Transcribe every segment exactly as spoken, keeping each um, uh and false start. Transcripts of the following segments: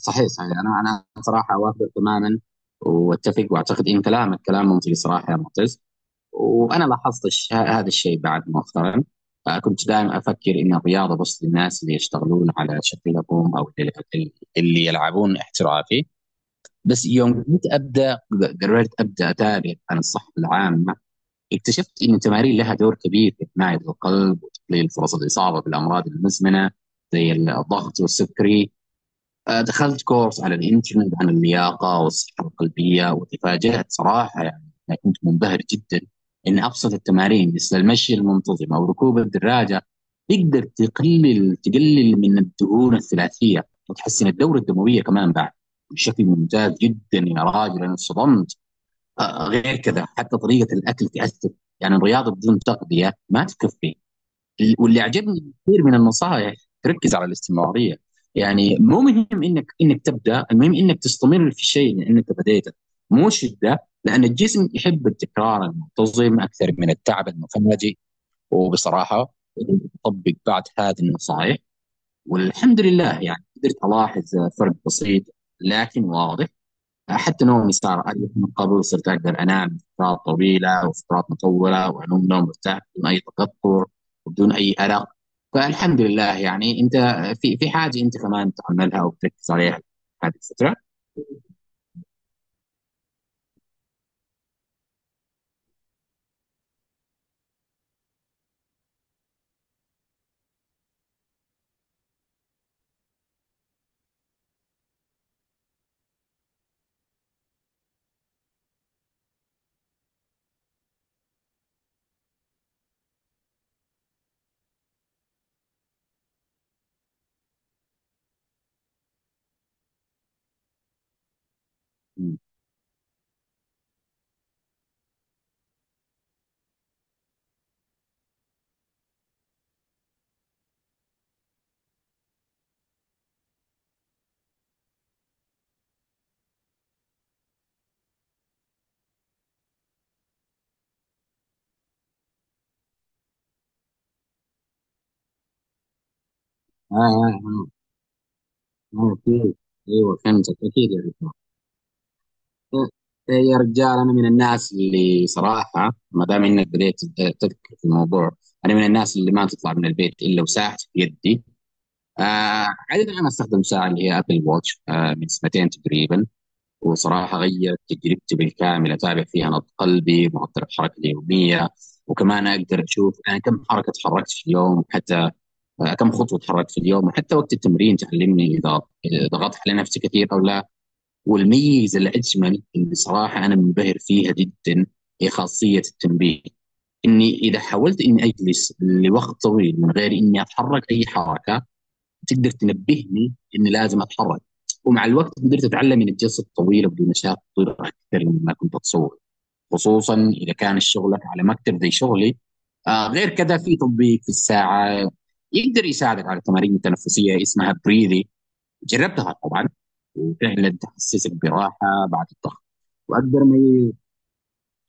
صحيح صحيح، انا انا صراحه اوافقك تماما، واتفق واعتقد ان كلامك كلام منطقي صراحه يا معتز. وانا لاحظت الش... هذا الشيء بعد مؤخرا. آه، كنت دائما افكر ان الرياضه بس للناس اللي يشتغلون على شكلهم او اللي اللي يلعبون احترافي. بس يوم كنت ابدا، قررت ابدا اتابع عن الصحه العامه، اكتشفت ان التمارين لها دور كبير في حمايه القلب وتقليل فرص الاصابه بالامراض المزمنه زي الضغط والسكري. آه، دخلت كورس على الانترنت عن اللياقة والصحة القلبية وتفاجأت صراحة، يعني أنا كنت منبهر جدا إن أبسط التمارين مثل المشي المنتظم أو ركوب الدراجة تقدر تقلل تقلل من الدهون الثلاثية وتحسن الدورة الدموية كمان بعد بشكل ممتاز جدا. يا راجل أنا اتصدمت. آه، غير كذا حتى طريقة الأكل تأثر، يعني الرياضة بدون تغذية ما تكفي. ال- واللي عجبني كثير من النصائح تركز على الاستمراريه، يعني مو مهم انك انك تبدا، المهم انك تستمر في الشيء اللي انت بديته، مو شده، لان الجسم يحب التكرار المنتظم اكثر من التعب المفاجئ. وبصراحه اطبق بعض هذه النصائح والحمد لله، يعني قدرت الاحظ فرق بسيط لكن واضح. حتى نومي صار أريح من قبل، صرت أقدر أنام فترات طويلة وفترات مطولة وأنوم نوم مرتاح بدون أي تقطر وبدون أي أرق. فالحمد لله. يعني أنت في في حاجة أنت كمان تعملها وبتركز عليها هذه الفترة؟ مم. آه آه آه آه، أكيد. أيوه فهمتك أكيد يا رجال. إيه، يا رجال أنا من الناس اللي صراحة ما دام إنك بديت تذكر في الموضوع، أنا من الناس اللي ما تطلع من البيت إلا وساعتي في يدي. آه، عادة أنا أستخدم ساعة اللي هي أبل واتش آه من سنتين تقريبا، وصراحة غيرت تجربتي بالكامل. أتابع فيها نبض قلبي، معدل الحركة اليومية، وكمان أقدر أشوف أنا كم حركة تحركت في اليوم، حتى آه كم خطوة تحركت في اليوم، وحتى وقت التمرين تعلمني إذا إذا ضغطت على نفسي كثير أو لا. والميزة الأجمل اللي صراحة أنا منبهر فيها جدا هي خاصية التنبيه، إني إذا حاولت إني أجلس لوقت طويل من غير إني أتحرك أي حركة، تقدر تنبهني اني لازم اتحرك. ومع الوقت قدرت اتعلم من الجلسه الطويله بدون مشاكل اكثر مما كنت اتصور، خصوصا اذا كان شغلك على مكتب زي شغلي. آه غير كذا في تطبيق في الساعه يقدر يساعدك على تمارين تنفسيه اسمها بريذي، جربتها طبعا وفعلا تحسسك براحه بعد الضغط. واكبر ميز،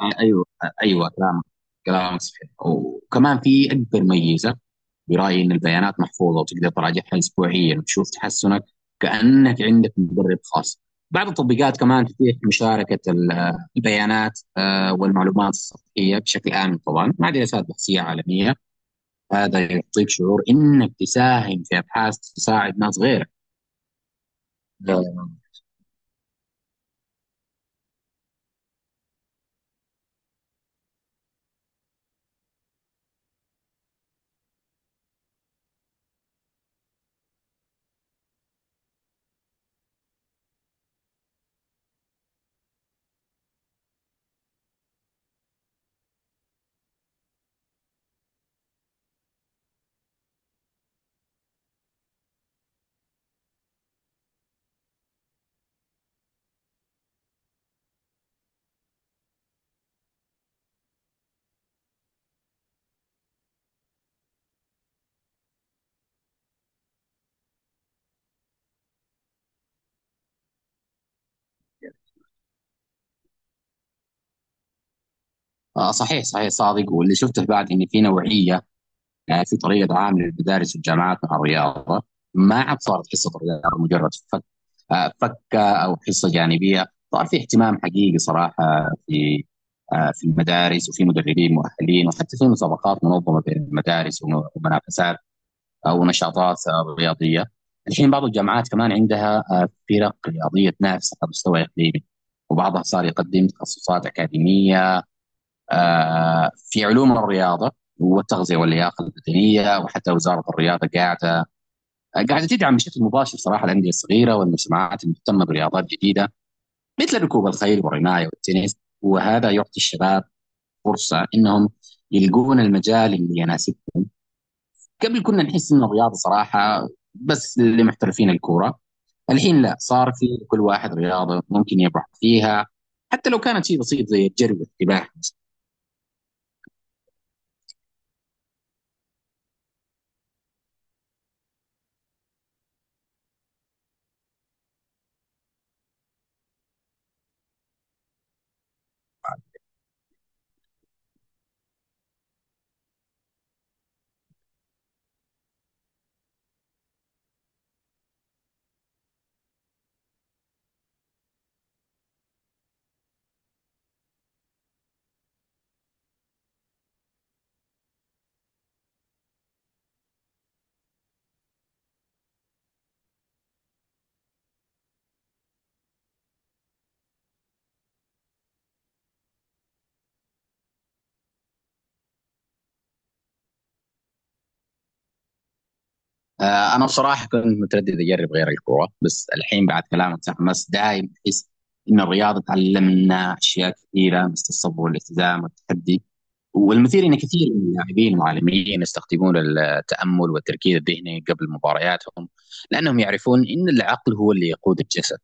آه، ايوه آه، ايوه كلامك كلامك صحيح. وكمان في اكبر ميزه برأيي، إن البيانات محفوظة وتقدر تراجعها أسبوعيا وتشوف تحسنك، كأنك عندك مدرب خاص. بعض التطبيقات كمان تتيح مشاركة ال- البيانات، آه، والمعلومات السطحية بشكل آمن طبعا مع دراسات بحثية عالمية. هذا يعطيك شعور إنك تساهم في أبحاث تساعد ناس غيرك. آه، آه، صحيح صحيح صادق. واللي شفته بعد إن في نوعية، يعني في طريقه عام للمدارس والجامعات مع الرياضه. ما عاد صارت حصه رياضه مجرد فك آه، فكه او حصه جانبيه. صار في اهتمام حقيقي صراحه في آه، في المدارس، وفي مدربين مؤهلين، وحتى في مسابقات منظمه بين المدارس، وم- ومنافسات او نشاطات آه، رياضيه. الحين بعض الجامعات كمان عندها آه، فرق رياضيه تنافس على مستوى اقليمي، وبعضها صار يقدم تخصصات اكاديميه آه، في علوم الرياضه والتغذيه واللياقه البدنيه. وحتى وزاره الرياضه قاعده آه، قاعده تدعم بشكل مباشر صراحه الانديه الصغيره والمجتمعات المهتمه برياضات جديده مثل ركوب الخيل والرمايه والتنس. وهذا يعطي الشباب فرصه انهم يلقون المجال اللي يناسبهم. قبل كنا نحس ان الرياضه صراحه بس لمحترفين الكوره، الحين لا، صار في كل واحد رياضه ممكن يبحث فيها، حتى لو كانت شيء بسيط زي الجري والسباحه. آه، انا بصراحه كنت متردد اجرب غير الكوره، بس الحين بعد كلامك تحمست. دايم احس ان الرياضه تعلمنا اشياء كثيره مثل الصبر والالتزام والتحدي. والمثير ان كثير من اللاعبين والمعلمين يستخدمون التامل والتركيز الذهني قبل مبارياتهم، لانهم يعرفون ان العقل هو اللي يقود الجسد،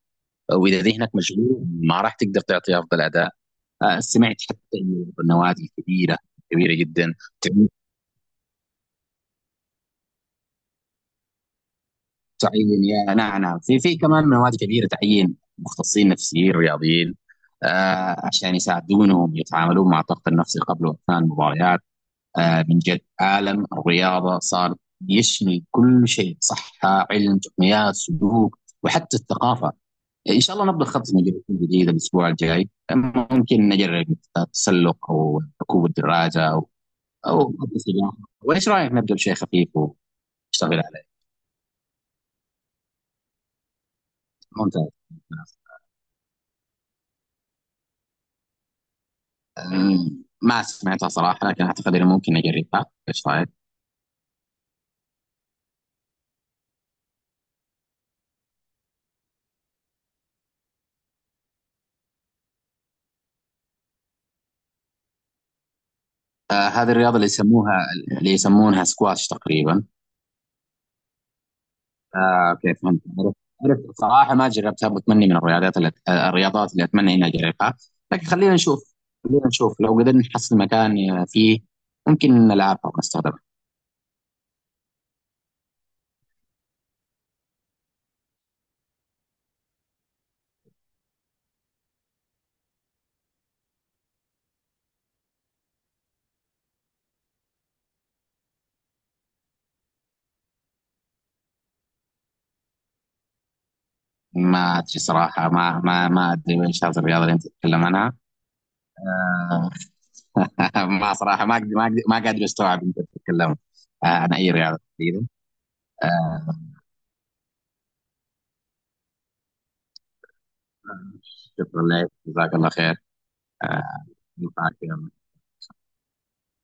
واذا ذهنك مشغول ما راح تقدر تعطي افضل اداء. آه، سمعت حتى إن النوادي الكبيره كبيره جدا تعيين، يا نعم نعم، في في كمان مواد كبيره تعيين مختصين نفسيين رياضيين آه عشان يساعدونهم يتعاملون مع الضغط النفسي قبل واثناء المباريات. آه من جد عالم الرياضه صار يشمل كل شيء، صحه، علم، تقنيات، سلوك، وحتى الثقافه. ان شاء الله نبدا خطه جديده الاسبوع الجاي، ممكن نجرب التسلق او ركوب الدراجه او او السباحه. وايش رايك نبدا بشيء خفيف ونشتغل عليه؟ ممتاز. أم، ما سمعتها صراحة، لكن أعتقد إنه ممكن أجربها. إيش رأيك؟ آه، هذه الرياضة اللي يسموها اللي يسمونها سكواش تقريبا. آه كيف فهمت. عرفت عرفت. صراحة ما جربتها، وأتمنى من الرياضات اللي آه، الرياضات اللي أتمنى إني أجربها. لكن خلينا نشوف، خلينا نشوف لو قدرنا نحصل مكان آه، فيه ممكن نلعبها ونستخدمها. ما أدري صراحة، ما ما ما أدري وين هذه الرياضة اللي أنت تتكلم عنها. آه ما صراحة، ما أقدر ما أقدر ما قادر أستوعب أنت تتكلم آه عن أي رياضة تقريبا. آه، شكرا لك، جزاك الله خير. آه، نفعك يا